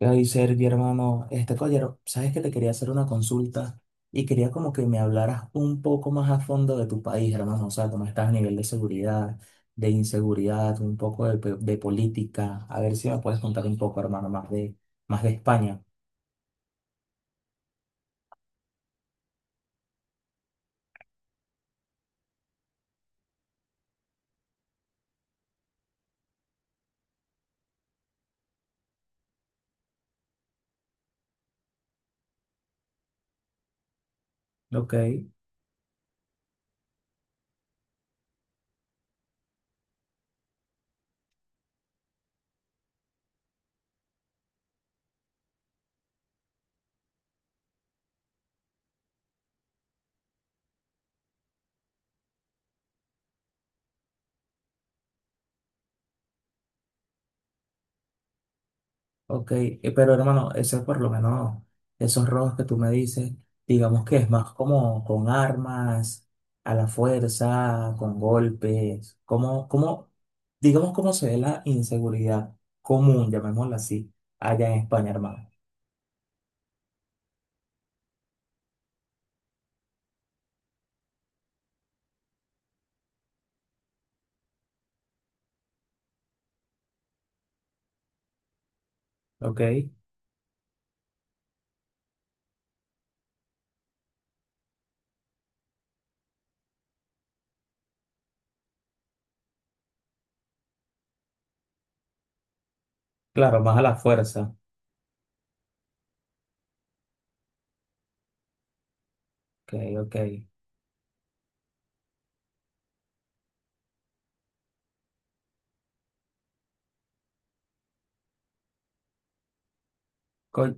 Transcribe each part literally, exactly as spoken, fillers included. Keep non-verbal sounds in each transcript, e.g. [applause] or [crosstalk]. Ay, Sergio, hermano, este caballero, sabes que te quería hacer una consulta y quería como que me hablaras un poco más a fondo de tu país, hermano, o sea, cómo estás a nivel de seguridad, de inseguridad, un poco de, pe- de política, a ver si me puedes contar un poco, hermano, más de, más de España. Ok. Ok, eh, pero hermano, ese por lo menos, esos robos que tú me dices, digamos que es más como con armas, a la fuerza, con golpes, como, como, digamos cómo se ve la inseguridad común, llamémosla así, allá en España, hermano. Ok, claro, más a la fuerza. Ok, ok.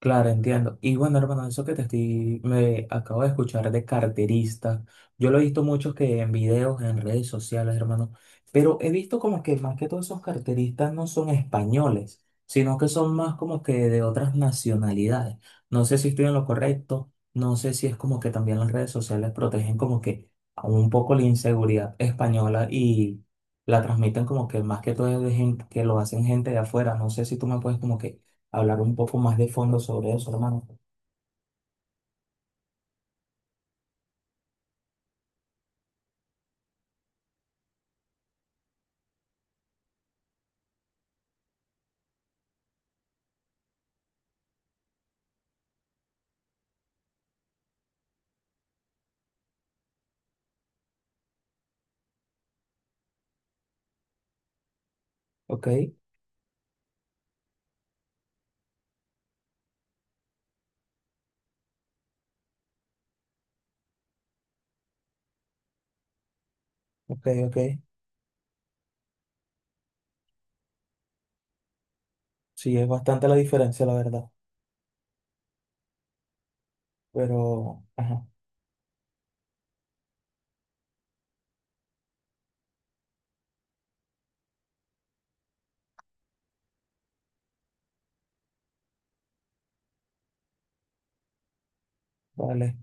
Claro, entiendo. Y bueno, hermano, eso que te estoy, me acabo de escuchar de carterista. Yo lo he visto muchos que en videos, en redes sociales, hermano, pero he visto como que más que todos esos carteristas no son españoles, sino que son más como que de otras nacionalidades. No sé si estoy en lo correcto, no sé si es como que también las redes sociales protegen como que a un poco la inseguridad española y la transmiten como que más que todo es de gente que lo hacen gente de afuera. No sé si tú me puedes como que hablar un poco más de fondo sobre eso, hermano. Ok, ok, ok. Sí, es bastante la diferencia, la verdad. Pero, ajá, vale.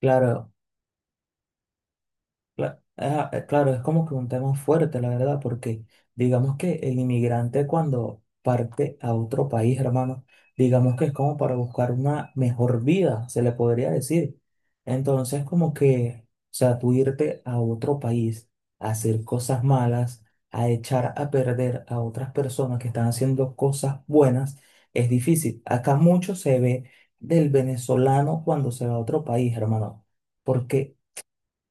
Claro, Cla- ah, eh, claro, es como que un tema fuerte, la verdad, porque digamos que el inmigrante cuando parte a otro país, hermano, digamos que es como para buscar una mejor vida, se le podría decir. Entonces, como que, o sea, tú irte a otro país a hacer cosas malas, a echar a perder a otras personas que están haciendo cosas buenas, es difícil. Acá mucho se ve del venezolano cuando se va a otro país, hermano. Porque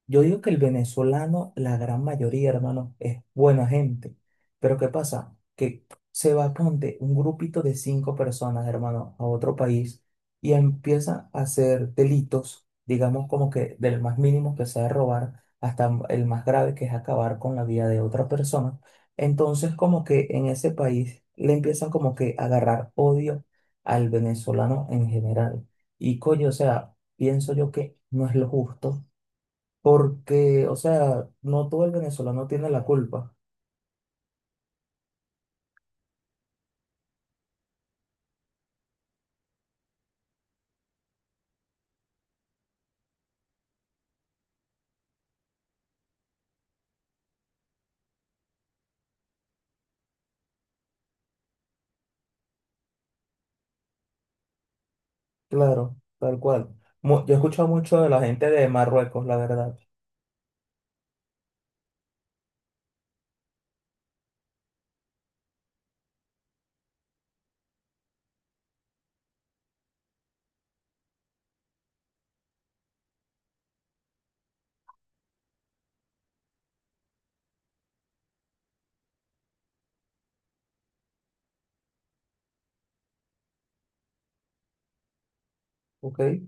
yo digo que el venezolano, la gran mayoría, hermano, es buena gente. Pero ¿qué pasa? Que se va, ponte, un grupito de cinco personas, hermano, a otro país y empieza a hacer delitos, digamos como que del más mínimo que sea robar hasta el más grave que es acabar con la vida de otra persona. Entonces como que en ese país le empiezan como que a agarrar odio al venezolano en general. Y coño, o sea, pienso yo que no es lo justo porque, o sea, no todo el venezolano tiene la culpa, claro, tal cual. Mu- Yo he escuchado mucho de la gente de Marruecos, la verdad, ¿ok?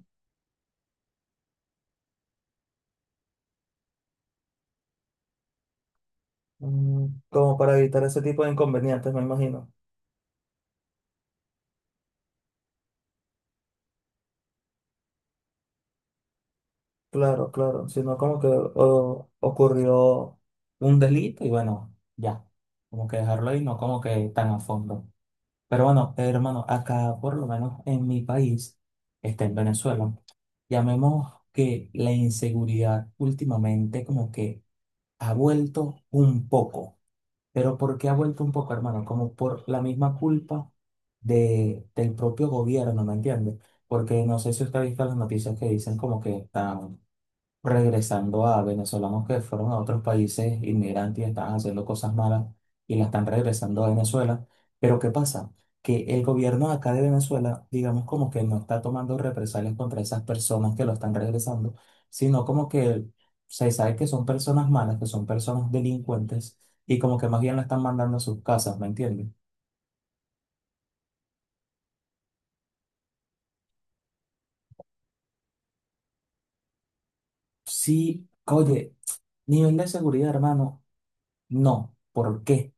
Mm, como para evitar ese tipo de inconvenientes, me imagino. Claro, claro, sino como que o- ocurrió un delito y bueno, ya, como que dejarlo ahí, no como que tan a fondo. Pero bueno, hermano, acá por lo menos en mi país, este, en Venezuela, llamemos que la inseguridad últimamente como que ha vuelto un poco. Pero ¿por qué ha vuelto un poco, hermano? Como por la misma culpa de, del propio gobierno, ¿me entiendes? Porque no sé si usted ha visto las noticias que dicen como que están regresando a venezolanos que fueron a otros países inmigrantes y estaban haciendo cosas malas y la están regresando a Venezuela. Pero ¿qué pasa? Que el gobierno de acá de Venezuela, digamos como que no está tomando represalias contra esas personas que lo están regresando, sino como que se sabe que son personas malas, que son personas delincuentes y como que más bien la están mandando a sus casas, ¿me entiendes? Sí, oye, nivel de seguridad, hermano, no. ¿Por qué?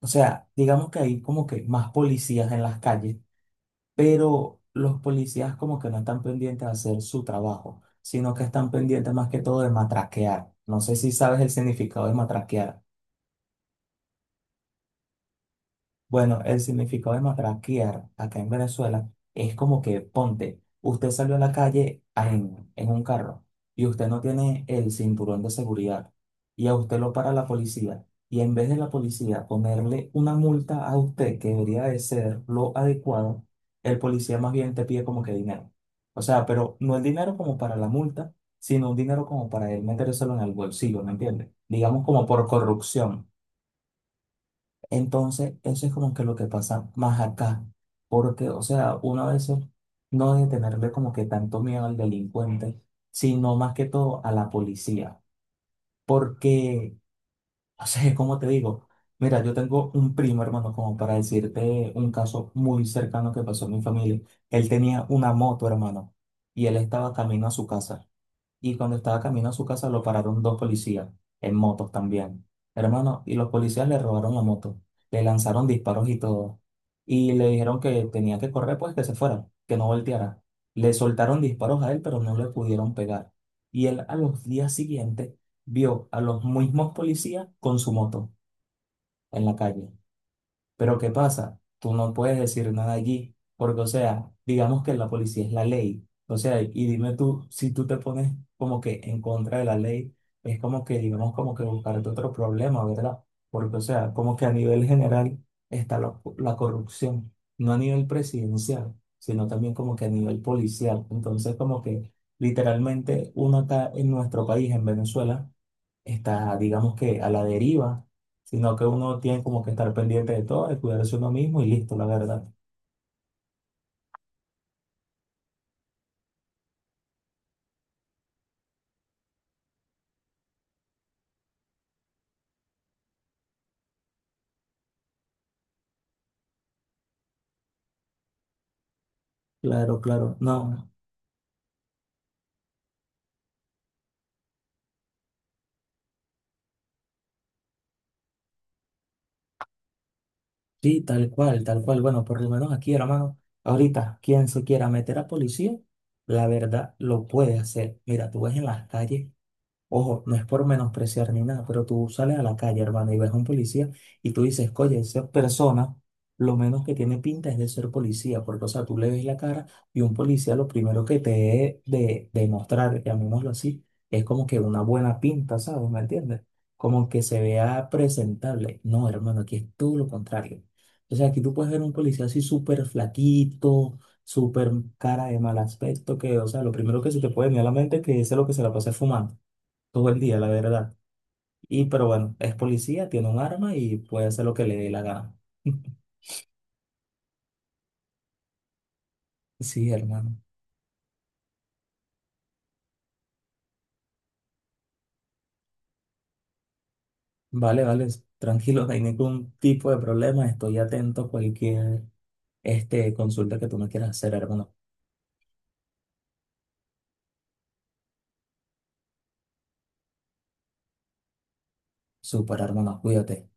O sea, digamos que hay como que más policías en las calles, pero los policías como que no están pendientes de hacer su trabajo, sino que están pendientes más que todo de matraquear. No sé si sabes el significado de matraquear. Bueno, el significado de matraquear acá en Venezuela es como que, ponte, usted salió a la calle a- en, en un carro y usted no tiene el cinturón de seguridad y a usted lo para la policía y en vez de la policía ponerle una multa a usted que debería de ser lo adecuado, el policía más bien te pide como que dinero. O sea, pero no el dinero como para la multa, sino un dinero como para él metérselo en el bolsillo, ¿me entiende? Digamos como por corrupción. Entonces, eso es como que lo que pasa más acá, porque, o sea, uno a veces no debe tenerle como que tanto miedo al delincuente, sino más que todo a la policía, porque, [laughs] o sea, como te digo, mira, yo tengo un primo, hermano, como para decirte un caso muy cercano que pasó en mi familia. Él tenía una moto, hermano, y él estaba camino a su casa. Y cuando estaba camino a su casa lo pararon dos policías, en motos también. Hermano, y los policías le robaron la moto, le lanzaron disparos y todo. Y le dijeron que tenía que correr, pues que se fuera, que no volteara. Le soltaron disparos a él, pero no le pudieron pegar. Y él a los días siguientes vio a los mismos policías con su moto en la calle. Pero ¿qué pasa? Tú no puedes decir nada allí, porque, o sea, digamos que la policía es la ley. O sea, y dime tú, si tú te pones como que en contra de la ley, es como que, digamos, como que buscarte otro problema, ¿verdad? Porque, o sea, como que a nivel general está la, la corrupción, no a nivel presidencial, sino también como que a nivel policial. Entonces, como que literalmente uno acá en nuestro país, en Venezuela, está, digamos que a la deriva, sino que uno tiene como que estar pendiente de todo, de cuidarse uno mismo y listo, la verdad. Claro, claro, no, sí, tal cual, tal cual. Bueno, por lo menos aquí, hermano, ahorita, quien se quiera meter a policía, la verdad lo puede hacer. Mira, tú ves en las calles. Ojo, no es por menospreciar ni nada, pero tú sales a la calle, hermano, y ves a un policía y tú dices, oye, esa persona lo menos que tiene pinta es de ser policía, porque, o sea, tú le ves la cara y un policía lo primero que te debe de demostrar, llamémoslo así, es como que una buena pinta, ¿sabes? ¿Me entiendes? Como que se vea presentable. No, hermano, aquí es todo lo contrario. O sea, aquí tú puedes ver un policía así súper flaquito, súper cara de mal aspecto, que, o sea, lo primero que se te puede venir a la mente es que ese es lo que se la pasa fumando todo el día, la verdad. Y pero bueno, es policía, tiene un arma y puede hacer lo que le dé la gana. [laughs] Sí, hermano. Vale, vale, tranquilo, [laughs] no hay ningún tipo de problema. Estoy atento a cualquier este, consulta que tú me quieras hacer, hermano. Super, hermano, cuídate.